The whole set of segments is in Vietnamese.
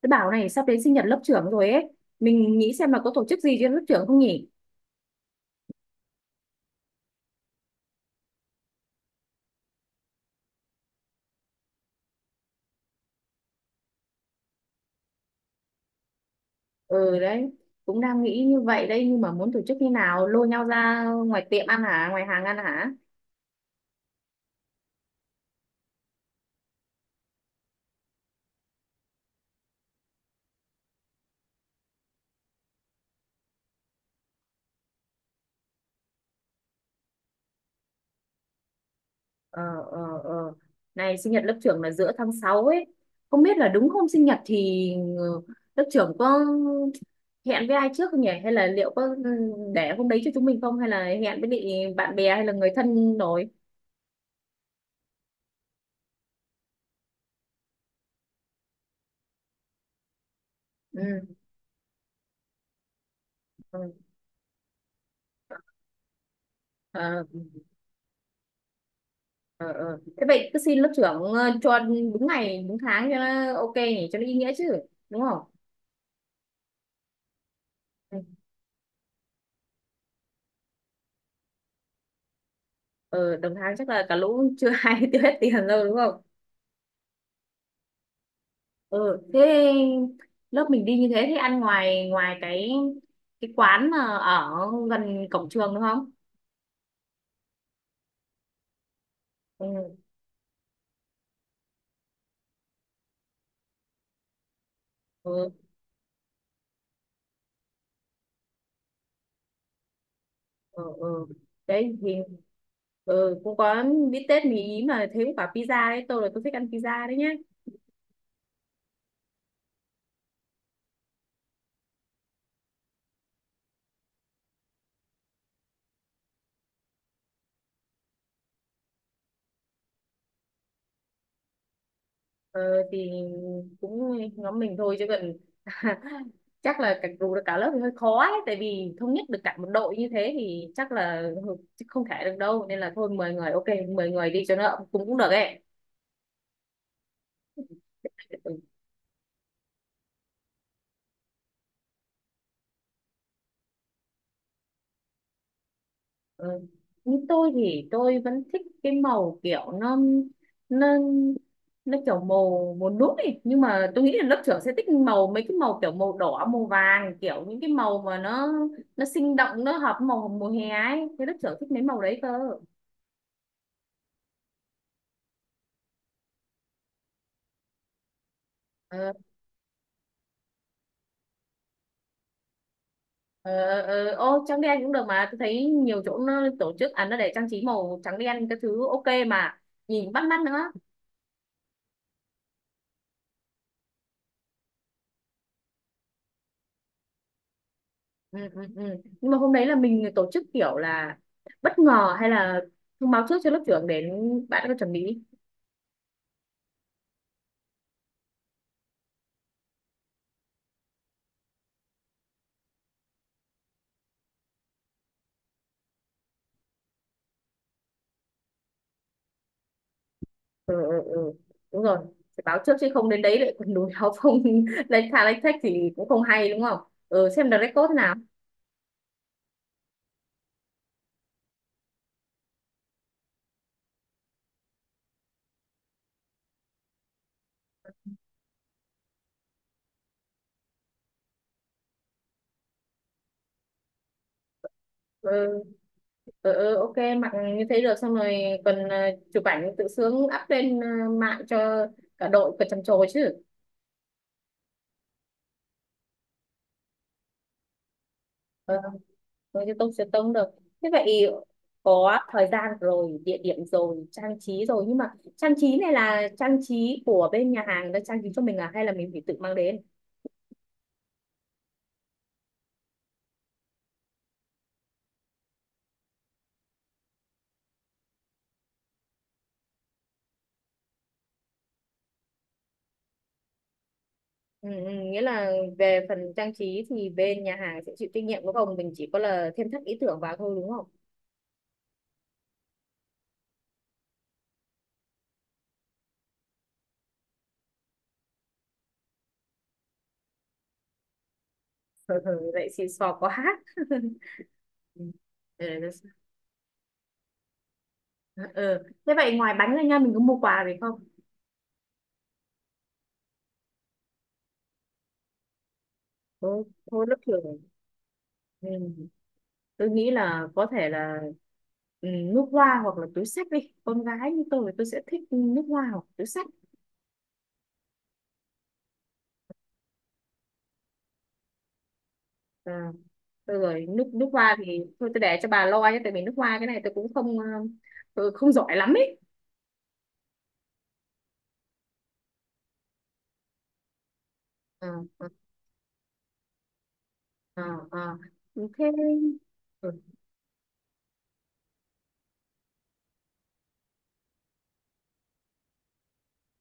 Tôi bảo này sắp đến sinh nhật lớp trưởng rồi ấy. Mình nghĩ xem là có tổ chức gì cho lớp trưởng không nhỉ? Ừ đấy, cũng đang nghĩ như vậy đây nhưng mà muốn tổ chức như nào? Lôi nhau ra ngoài tiệm ăn hả? Ngoài hàng ăn hả? Ờ ờ ờ. Này sinh nhật lớp trưởng là giữa tháng 6 ấy. Không biết là đúng hôm sinh nhật thì ừ, lớp trưởng có hẹn với ai trước không nhỉ? Hay là liệu có để hôm đấy cho chúng mình không? Hay là hẹn với bị bạn bè hay là người thân rồi? Ừ. Ừ. Ờ, ờ. Thế vậy cứ xin lớp trưởng cho đúng ngày đúng tháng cho nó ok nhỉ, cho nó ý nghĩa chứ, đúng không? Ừ. Ờ đồng tháng chắc là cả lũ chưa ai tiêu hết tiền đâu, đúng không? Ờ thế lớp mình đi như thế thì ăn ngoài ngoài cái quán mà ở gần cổng trường đúng không? ừ ừ ừ, ừ. Đấy thì ừ, cũng có bít tết mì ý mà thấy quả pizza đấy, tôi là tôi thích ăn pizza đấy nhá. Ờ, thì cũng nhóm mình thôi chứ còn chắc là cả dù được cả lớp thì hơi khó ấy, tại vì thống nhất được cả một đội như thế thì chắc là chứ không thể được đâu, nên là thôi 10 người ok, 10 người đi cho nó cũng cũng được ấy. Ừ. Ừ. Như tôi thì tôi vẫn thích cái màu kiểu nó nó kiểu màu màu nút ấy, nhưng mà tôi nghĩ là lớp trưởng sẽ thích màu mấy cái màu kiểu màu đỏ màu vàng, kiểu những cái màu mà nó sinh động, nó hợp với màu mùa hè ấy, thế lớp trưởng thích mấy màu đấy cơ. ờ, ờ, Ô trắng đen cũng được mà tôi thấy nhiều chỗ nó tổ chức à, nó để trang trí màu trắng đen cái thứ ok mà, nhìn bắt mắt nữa. Ừ. Nhưng mà hôm đấy là mình tổ chức kiểu là bất ngờ hay là thông báo trước cho lớp trưởng đến bạn có chuẩn bị. ừ, ừ, ừ. Đúng rồi, phải báo trước chứ không đến đấy lại còn đùi áo không lấy thà lấy thách thì cũng không hay đúng không. Ừ, xem được record thế nào. ừ, ok mặc như thế được, xong rồi còn chụp ảnh tự sướng up lên mạng cho cả đội còn trầm trồ chứ. Ừ. Rồi thì tôi sẽ tông được. Thế vậy có thời gian rồi, địa điểm rồi, trang trí rồi, nhưng mà trang trí này là trang trí của bên nhà hàng đã trang trí cho mình à, hay là mình phải tự mang đến? Ừ, ừ, nghĩa là về phần trang trí thì bên nhà hàng sẽ chịu trách nhiệm đúng không? Mình chỉ có là thêm thắt ý tưởng vào thôi đúng không? Ừ, ừ, vậy xì xò quá hát. Ừ. Ừ. Thế vậy ngoài bánh ra nha mình có mua quà gì không? Thôi, thôi lớp trưởng. Ừ. Tôi nghĩ là có thể là nước hoa hoặc là túi xách đi. Con gái như tôi sẽ thích nước hoa hoặc túi xách. À, thôi rồi nước nước hoa thì thôi tôi để cho bà lo nhé, tại vì nước hoa cái này tôi cũng không tôi không giỏi lắm ấy. Ờ, ờ, ờ, ờ. Thế ừ,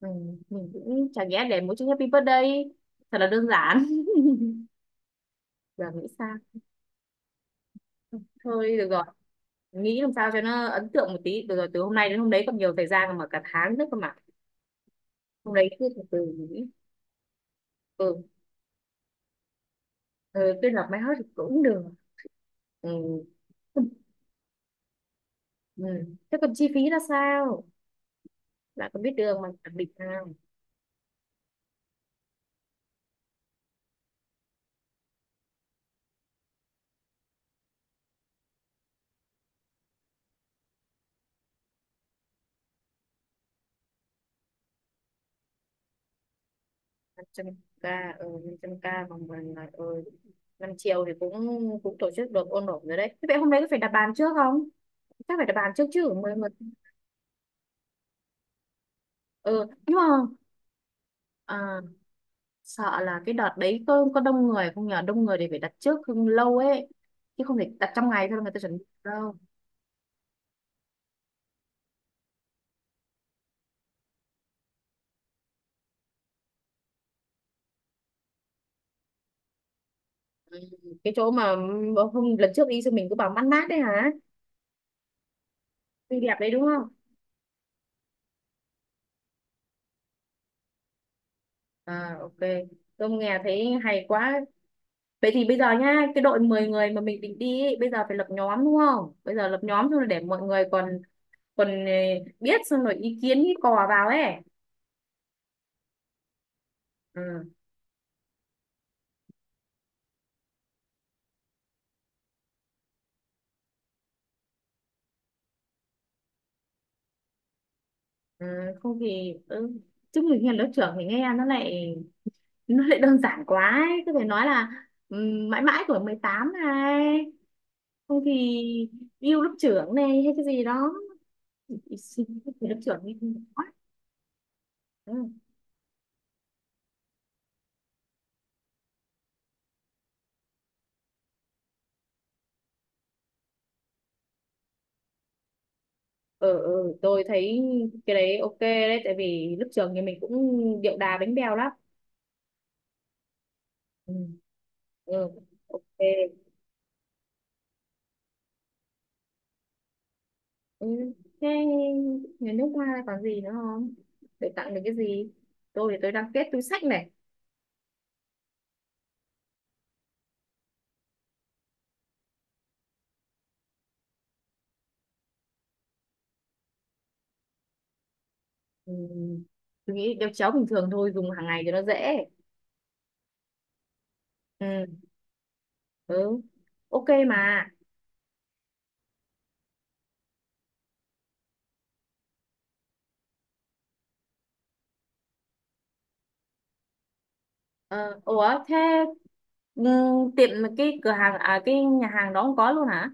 ừ, mình cũng chả nhẽ để mỗi chữ happy birthday thật là đơn giản giờ nghĩ sao. Thôi được rồi, nghĩ làm sao cho nó ấn tượng một tí được rồi, từ hôm nay đến hôm đấy còn nhiều thời gian mà, cả tháng nữa cơ mà. Hôm nay cứ từ từ mình nghĩ. Ừ, ừ tôi làm máy hết thì cũng được. Ừ. Ừ. Thế còn chi phí là sao, lại còn biết đường mà đặc biệt nào. 500K ừ, 500K bằng bằng là ừ, 5 triệu thì cũng cũng tổ chức được ôn ổn rồi đấy. Thế vậy hôm nay có phải đặt bàn trước không? Chắc phải đặt bàn trước chứ mới mà. Ừ nhưng mà à, sợ là cái đợt đấy có đông người không nhờ, đông người thì phải đặt trước không lâu ấy, chứ không thể đặt trong ngày thôi là người ta chuẩn bị đâu. Ừ, cái chỗ mà bữa hôm lần trước đi xong mình cứ bảo mát mát đấy hả. Xinh đẹp đấy đúng không? À ok, tôi nghe thấy hay quá. Vậy thì bây giờ nhá cái đội 10 người mà mình định đi ấy, bây giờ phải lập nhóm đúng không, bây giờ lập nhóm xong rồi để mọi người còn còn biết xong rồi ý kiến ý cò vào ấy. Ừ, ừ, không thì ừ. Chứ mình nghe lớp trưởng thì nghe nó lại đơn giản quá ấy. Cứ phải nói là ừ, mãi mãi tuổi 18 này, không thì yêu lớp trưởng này, hay cái gì đó. Ý sinh lớp trưởng thì quá. Ừ. Ờ ừ, tôi thấy cái đấy ok đấy, tại vì lúc trường thì mình cũng điệu đà bánh bèo lắm. Ừ. Ừ. Ok. Ừ. Thế nhà nước hoa còn gì nữa không để tặng được cái gì? Tôi thì tôi đang kết túi xách này. Ừ. Tôi nghĩ đeo chéo bình thường thôi, dùng hàng ngày cho nó dễ. Ừ. Ừ. Ok mà. Ờ, Ủa thế ừ, tiệm cái cửa hàng à cái nhà hàng đó không có luôn hả?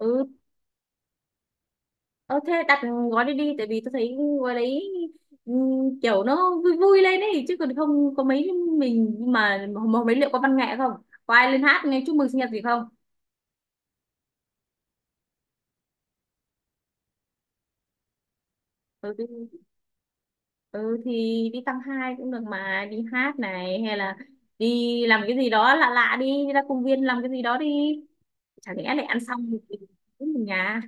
Ừ. Ờ thế đặt gói đi đi, tại vì tôi thấy gói đấy kiểu nó vui vui lên ấy, chứ còn không có mấy. Mình mà mấy liệu có văn nghệ không? Có ai lên hát nghe chúc mừng sinh nhật gì không? Ừ, ừ thì đi tăng 2 cũng được mà, đi hát này hay là đi làm cái gì đó lạ lạ đi, đi ra công viên làm cái gì đó đi, chẳng lẽ lại ăn xong thì cũng nhà.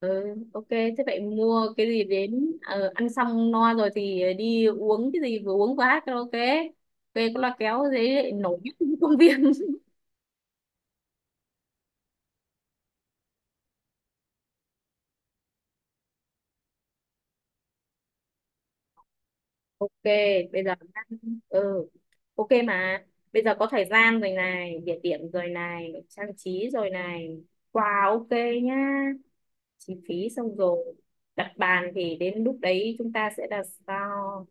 Ừ, ok, thế vậy mua cái gì đến ăn xong no rồi thì đi uống cái gì, vừa uống vừa hát karaoke. Về có loa kéo dễ lại nổi nhất trong công viên. Ok, bây giờ đang- ừ, ok mà. Bây giờ có thời gian rồi này, địa điểm rồi này, trang trí rồi này. Quà ok nhá. Chi phí xong rồi. Đặt bàn thì đến lúc đấy chúng ta sẽ đặt sao?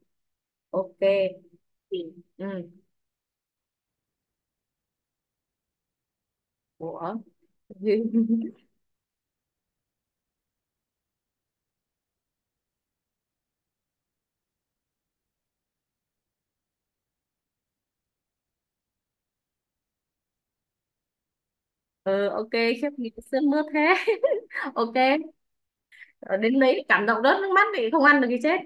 Ok. Thì, ừ. Ủa. ừ, ok, khiếp nghĩ sướt mướt thế. Ok, ờ, đến đấy cảm động rớt nước mắt thì không ăn được thì chết.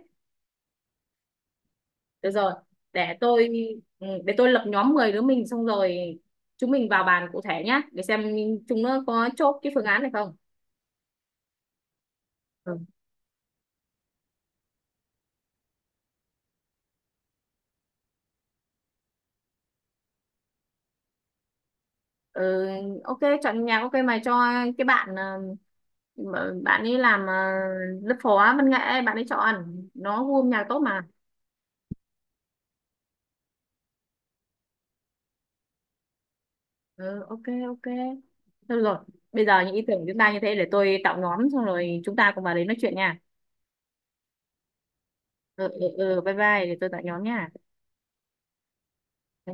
Được rồi, để tôi ừ, để tôi lập nhóm 10 đứa mình xong rồi chúng mình vào bàn cụ thể nhá, để xem chúng nó có chốt cái phương án này không. Ừ. Ừ, ok chọn nhạc ok mày cho cái bạn mà bạn ấy làm lớp phó văn nghệ, bạn ấy chọn, nó gu âm nhạc tốt mà. Ừ, ok. Ok. Thôi được rồi, bây giờ những ý tưởng của chúng ta như thế, để tôi tạo nhóm xong rồi chúng ta cùng vào đấy nói chuyện nha. Ừ, ừ, ừ, bye bye, để tôi tạo nhóm nha. Ừ.